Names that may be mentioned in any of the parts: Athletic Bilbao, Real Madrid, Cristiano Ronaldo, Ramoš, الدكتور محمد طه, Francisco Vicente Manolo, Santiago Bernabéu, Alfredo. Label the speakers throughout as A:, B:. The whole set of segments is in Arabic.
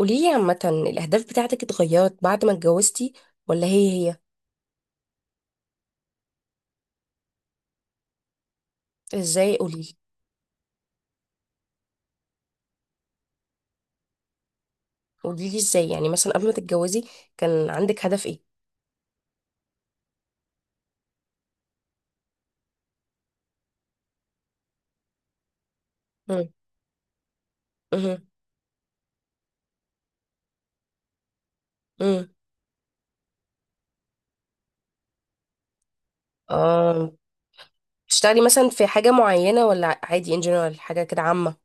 A: قوليلي عامة الأهداف بتاعتك اتغيرت بعد ما اتجوزتي، ولا هي هي؟ ازاي؟ قوليلي. قوليلي ازاي، يعني مثلا قبل ما تتجوزي كان عندك هدف ايه؟ مم. مم. مم. اه، تشتغلي مثلا في حاجة معينة ولا عادي in general حاجة كده عامة؟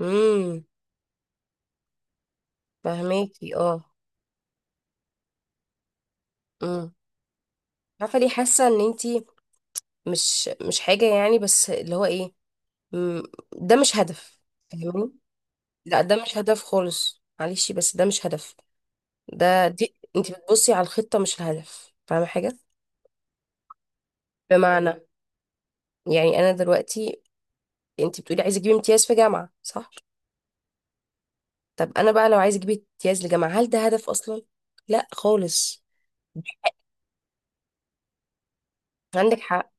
A: امم. فهماكي اه. امم. عارفة ليه حاسة ان انتي مش حاجة، يعني بس اللي هو ايه؟ مم. ده مش هدف. فاهماني؟ لا، ده مش هدف خالص، معلش، بس ده مش هدف. دي انت بتبصي على الخطة مش الهدف. فاهمة حاجة؟ بمعنى يعني انا دلوقتي، انت بتقولي عايزة اجيب امتياز في جامعة، صح؟ طب انا بقى لو عايزة اجيب امتياز لجامعة هل ده هدف اصلا؟ لا خالص. عندك حق،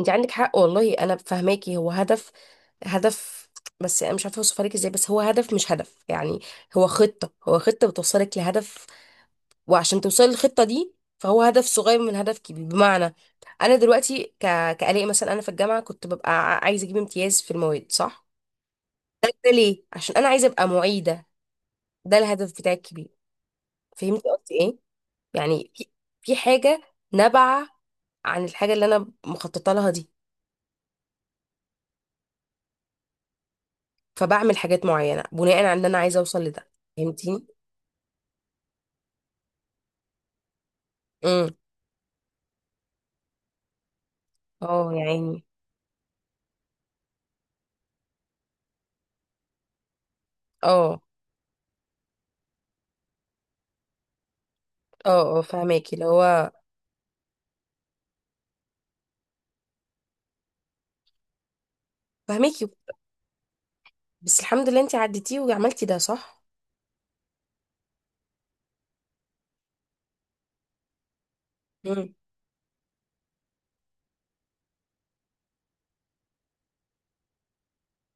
A: انت عندك حق والله، انا فاهماكي، هو هدف، هدف. بس انا مش عارفة اوصفها لك ازاي، بس هو هدف مش هدف يعني. هو خطة، هو خطة بتوصلك لهدف. وعشان توصلي للخطة دي فهو هدف صغير من هدف كبير. بمعنى انا دلوقتي كآلاء مثلا، انا في الجامعة كنت ببقى عايزة اجيب امتياز في المواد، صح؟ ده ليه؟ عشان انا عايزة ابقى معيدة. ده الهدف بتاعي الكبير. فهمتي قصدي ايه؟ يعني في حاجة نابعة عن الحاجة اللي انا مخططة لها دي. فبعمل حاجات معينة بناء على ان انا عايزة اوصل لده. فهمتيني؟ امم. اه، يا عيني. اه، اه، اه، فهماكي اللي هو فهماكي. بس الحمد لله انت عديتيه وعملتي ده، صح؟ مم.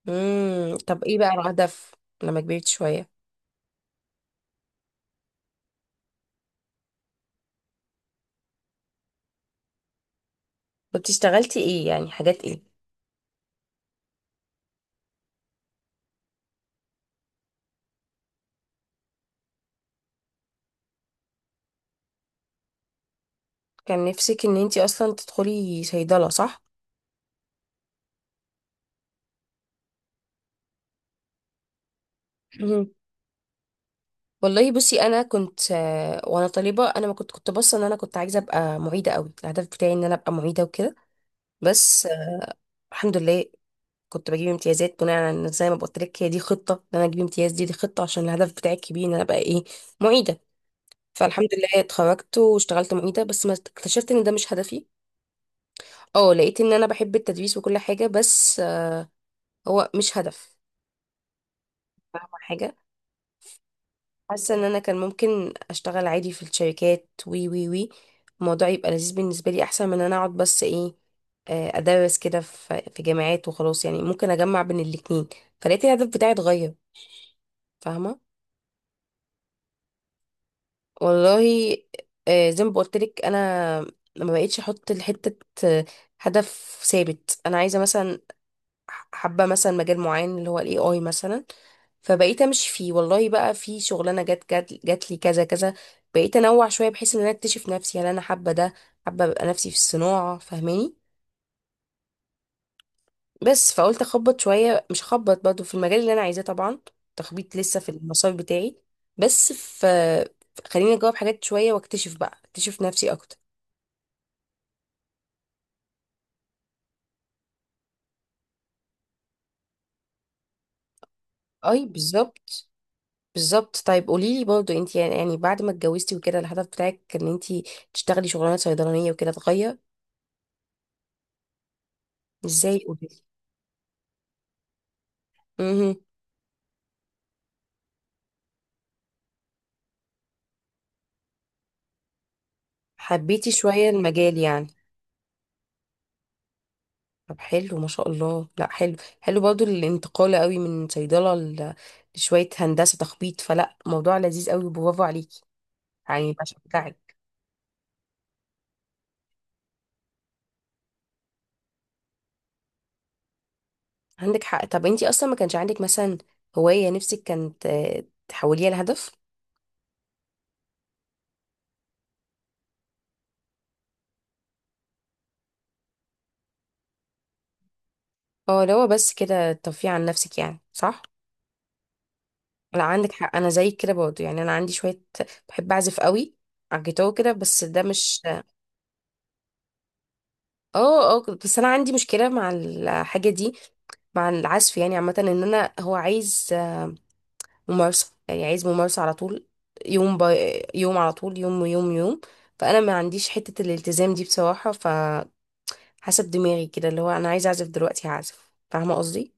A: امم. طب ايه بقى الهدف لما كبرت شوية؟ كنت اشتغلتي ايه، يعني حاجات ايه؟ كان نفسك ان انتي اصلا تدخلي صيدلة، صح؟ مهم. والله بصي، انا كنت وانا طالبة، انا ما كنت باصة ان انا كنت عايزة ابقى معيدة قوي. الهدف بتاعي ان انا ابقى معيدة وكده. بس، الحمد لله. كنت بجيب امتيازات بناء على إن، زي ما قلت لك، هي دي خطة ان انا اجيب امتياز. دي خطة عشان الهدف بتاعي الكبير ان انا ابقى ايه؟ معيدة. فالحمد لله اتخرجت واشتغلت معيدة، بس ما اكتشفت ان ده مش هدفي. اه، لقيت ان انا بحب التدريس وكل حاجة، بس، هو مش هدف. فاهمة حاجة؟ حاسة ان انا كان ممكن اشتغل عادي في الشركات وي وي وي، الموضوع يبقى لذيذ بالنسبة لي احسن من ان انا اقعد بس ايه، ادرس كده في جامعات وخلاص. يعني ممكن اجمع بين الاتنين. فلقيت الهدف بتاعي اتغير. فاهمة؟ والله، زي ما بقولتلك، انا ما بقيتش احط لحتة، آه، هدف ثابت. انا عايزة مثلا، حابه مثلا مجال معين اللي هو الاي اي مثلا، فبقيت امشي فيه. والله بقى في شغلانه جت جت جات لي كذا كذا. بقيت انوع شويه بحيث ان انا اكتشف نفسي هل انا حابه ده، حابه ابقى نفسي في الصناعه. فاهماني؟ بس فقلت اخبط شويه، مش اخبط برضه في المجال اللي انا عايزاه طبعا، تخبيط لسه في المسار بتاعي، بس في، خليني اجاوب حاجات شويه واكتشف بقى اكتشف نفسي اكتر. اي، بالظبط. بالظبط، طيب قولي لي برضه، انت يعني بعد ما اتجوزتي وكده الهدف بتاعك ان انت تشتغلي شغلانه صيدلانيه وكده اتغير؟ ازاي؟ قولي لي. امم. حبيتي شويه المجال يعني؟ طب حلو ما شاء الله، لا حلو، حلو برضه الانتقال قوي من صيدله لشويه هندسه تخبيط، فلا، موضوع لذيذ قوي، برافو عليكي، يعني بشجعك. عندك حق. طب انت اصلا ما كانش عندك مثلا هوايه نفسك كانت، تحوليها لهدف؟ اه، لو بس كده ترفيه عن نفسك يعني، صح. لا، عندك حق، انا زيك كده برضه، يعني انا عندي شويه بحب اعزف قوي على الجيتار كده، بس ده مش. اه، اه، بس انا عندي مشكله مع الحاجه دي، مع العزف يعني عامه، ان انا هو عايز ممارسه، يعني عايز ممارسه على طول، يوم يوم على طول، يوم يوم يوم. فانا ما عنديش حته الالتزام دي بصراحه، فحسب دماغي كده، اللي هو انا عايز اعزف دلوقتي هعزف. فاهمه قصدي؟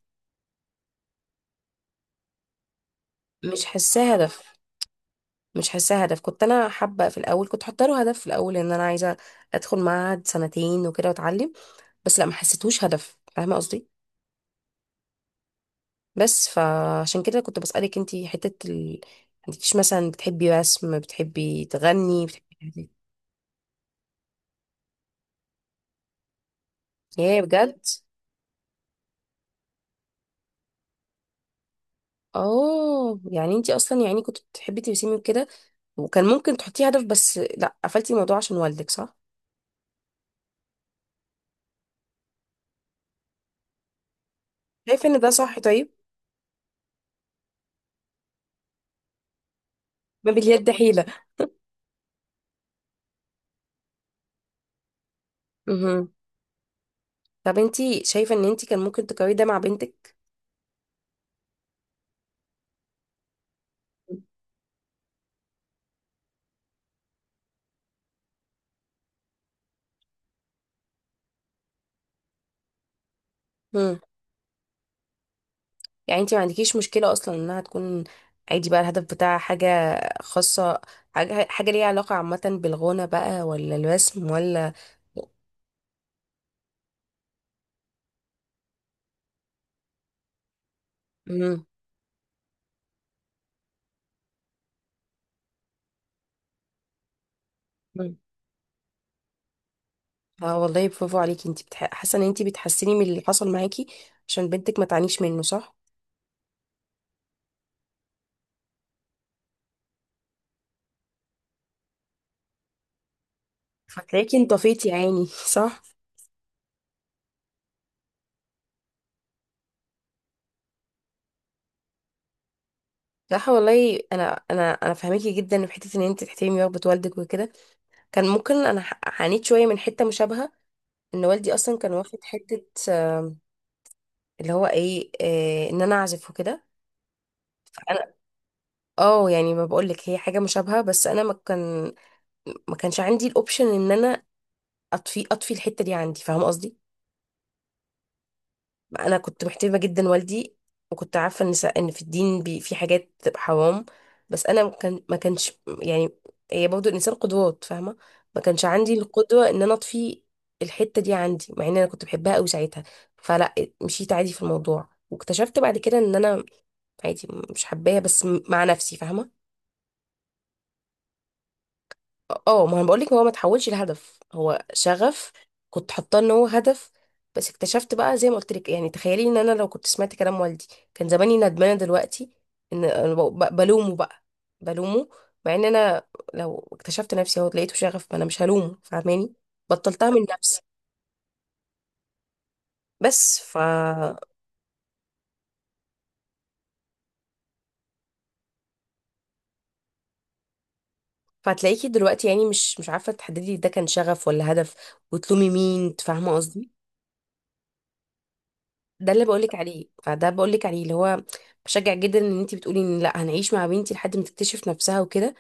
A: مش حاساه هدف. مش حاساه هدف. كنت انا حابه في الاول، كنت حاطه له هدف في الاول ان انا عايزه ادخل معهد سنتين وكده واتعلم. بس لا، ما حسيتهوش هدف. فاهمه قصدي؟ بس فعشان كده كنت بسالك انتي حته انتيش مثلا بتحبي رسم، بتحبي تغني، بتحبي الحاجات دي؟ ايه، بجد؟ اه، يعني انتي اصلا يعني كنت بتحبي ترسمي وكده، وكان ممكن تحطيه هدف بس لا قفلتي الموضوع عشان والدك، صح؟ شايفه ان ده صح؟ طيب. ما باليد حيله. مهم. طب انتي شايفه ان انتي كان ممكن تقرري ده مع بنتك؟ مهم. يعني انت ما عندكيش مشكلة اصلا انها تكون عادي بقى، الهدف بتاعها حاجة خاصة، حاجة ليها علاقة عامة بالغنى بقى، ولا الرسم، ولا؟ مم. مم. اه والله، برافو عليكي، انت حاسة ان انت بتحسني من اللي حصل معاكي عشان بنتك ما تعانيش منه، صح؟ فتلاقيكي انطفيتي يا عيني صح. صح والله، انا فاهماكي جدا في حته ان انت تحترمي رغبه والدك وكده. كان ممكن انا عانيت شويه من حته مشابهه، ان والدي اصلا كان واخد حته. آم، اللي هو ايه، ان انا اعزف وكده. انا، اه يعني ما بقولك، هي حاجه مشابهه، بس انا ما كانش عندي الاوبشن ان انا اطفي الحته دي عندي. فاهمه قصدي؟ انا كنت محترمه جدا والدي، وكنت عارفه ان ان في الدين بي في حاجات بتبقى حرام. بس انا ما كانش، يعني، هي برضه الانسان قدوات فاهمه، ما كانش عندي القدوه ان انا اطفي الحته دي عندي، مع ان انا كنت بحبها قوي ساعتها. فلا، مشيت عادي في الموضوع، واكتشفت بعد كده ان انا عادي مش حباها بس مع نفسي. فاهمه؟ اه، ما انا بقولك هو ما تحولش لهدف، هو شغف. كنت حاطاه ان هو هدف، بس اكتشفت بقى. زي ما قلت لك يعني، تخيلي ان انا لو كنت سمعت كلام والدي كان زماني ندمانه دلوقتي، ان انا بلومه بقى، بلومه، مع ان انا لو اكتشفت نفسي اهو لقيته شغف، ما انا مش هلومه. فاهماني؟ بطلتها من نفسي. بس فهتلاقيكي دلوقتي يعني مش عارفه تحددي ده كان شغف ولا هدف، وتلومي مين. فاهمه قصدي؟ ده اللي بقولك عليه، فده بقولك عليه اللي هو بشجع جدا ان انتي بتقولي ان لا هنعيش مع بنتي لحد ما تكتشف نفسها وكده.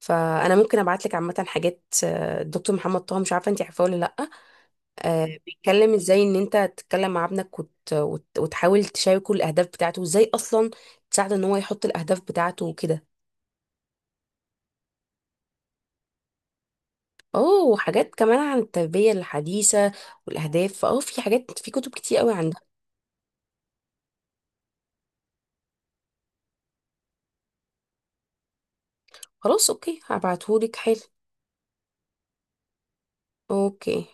A: فانا ممكن ابعت لك عامه حاجات، الدكتور محمد طه مش عارفه انتي عارفاه ولا لا، بيتكلم ازاي ان انت تتكلم مع ابنك وتحاول تشاركه الاهداف بتاعته وازاي اصلا تساعده ان هو يحط الاهداف بتاعته وكده. اوه، وحاجات كمان عن التربيه الحديثه والاهداف، اه، في حاجات في كتب كتير قوي عندها. خلاص، اوكي، هبعتهولك. حلو. اوكي.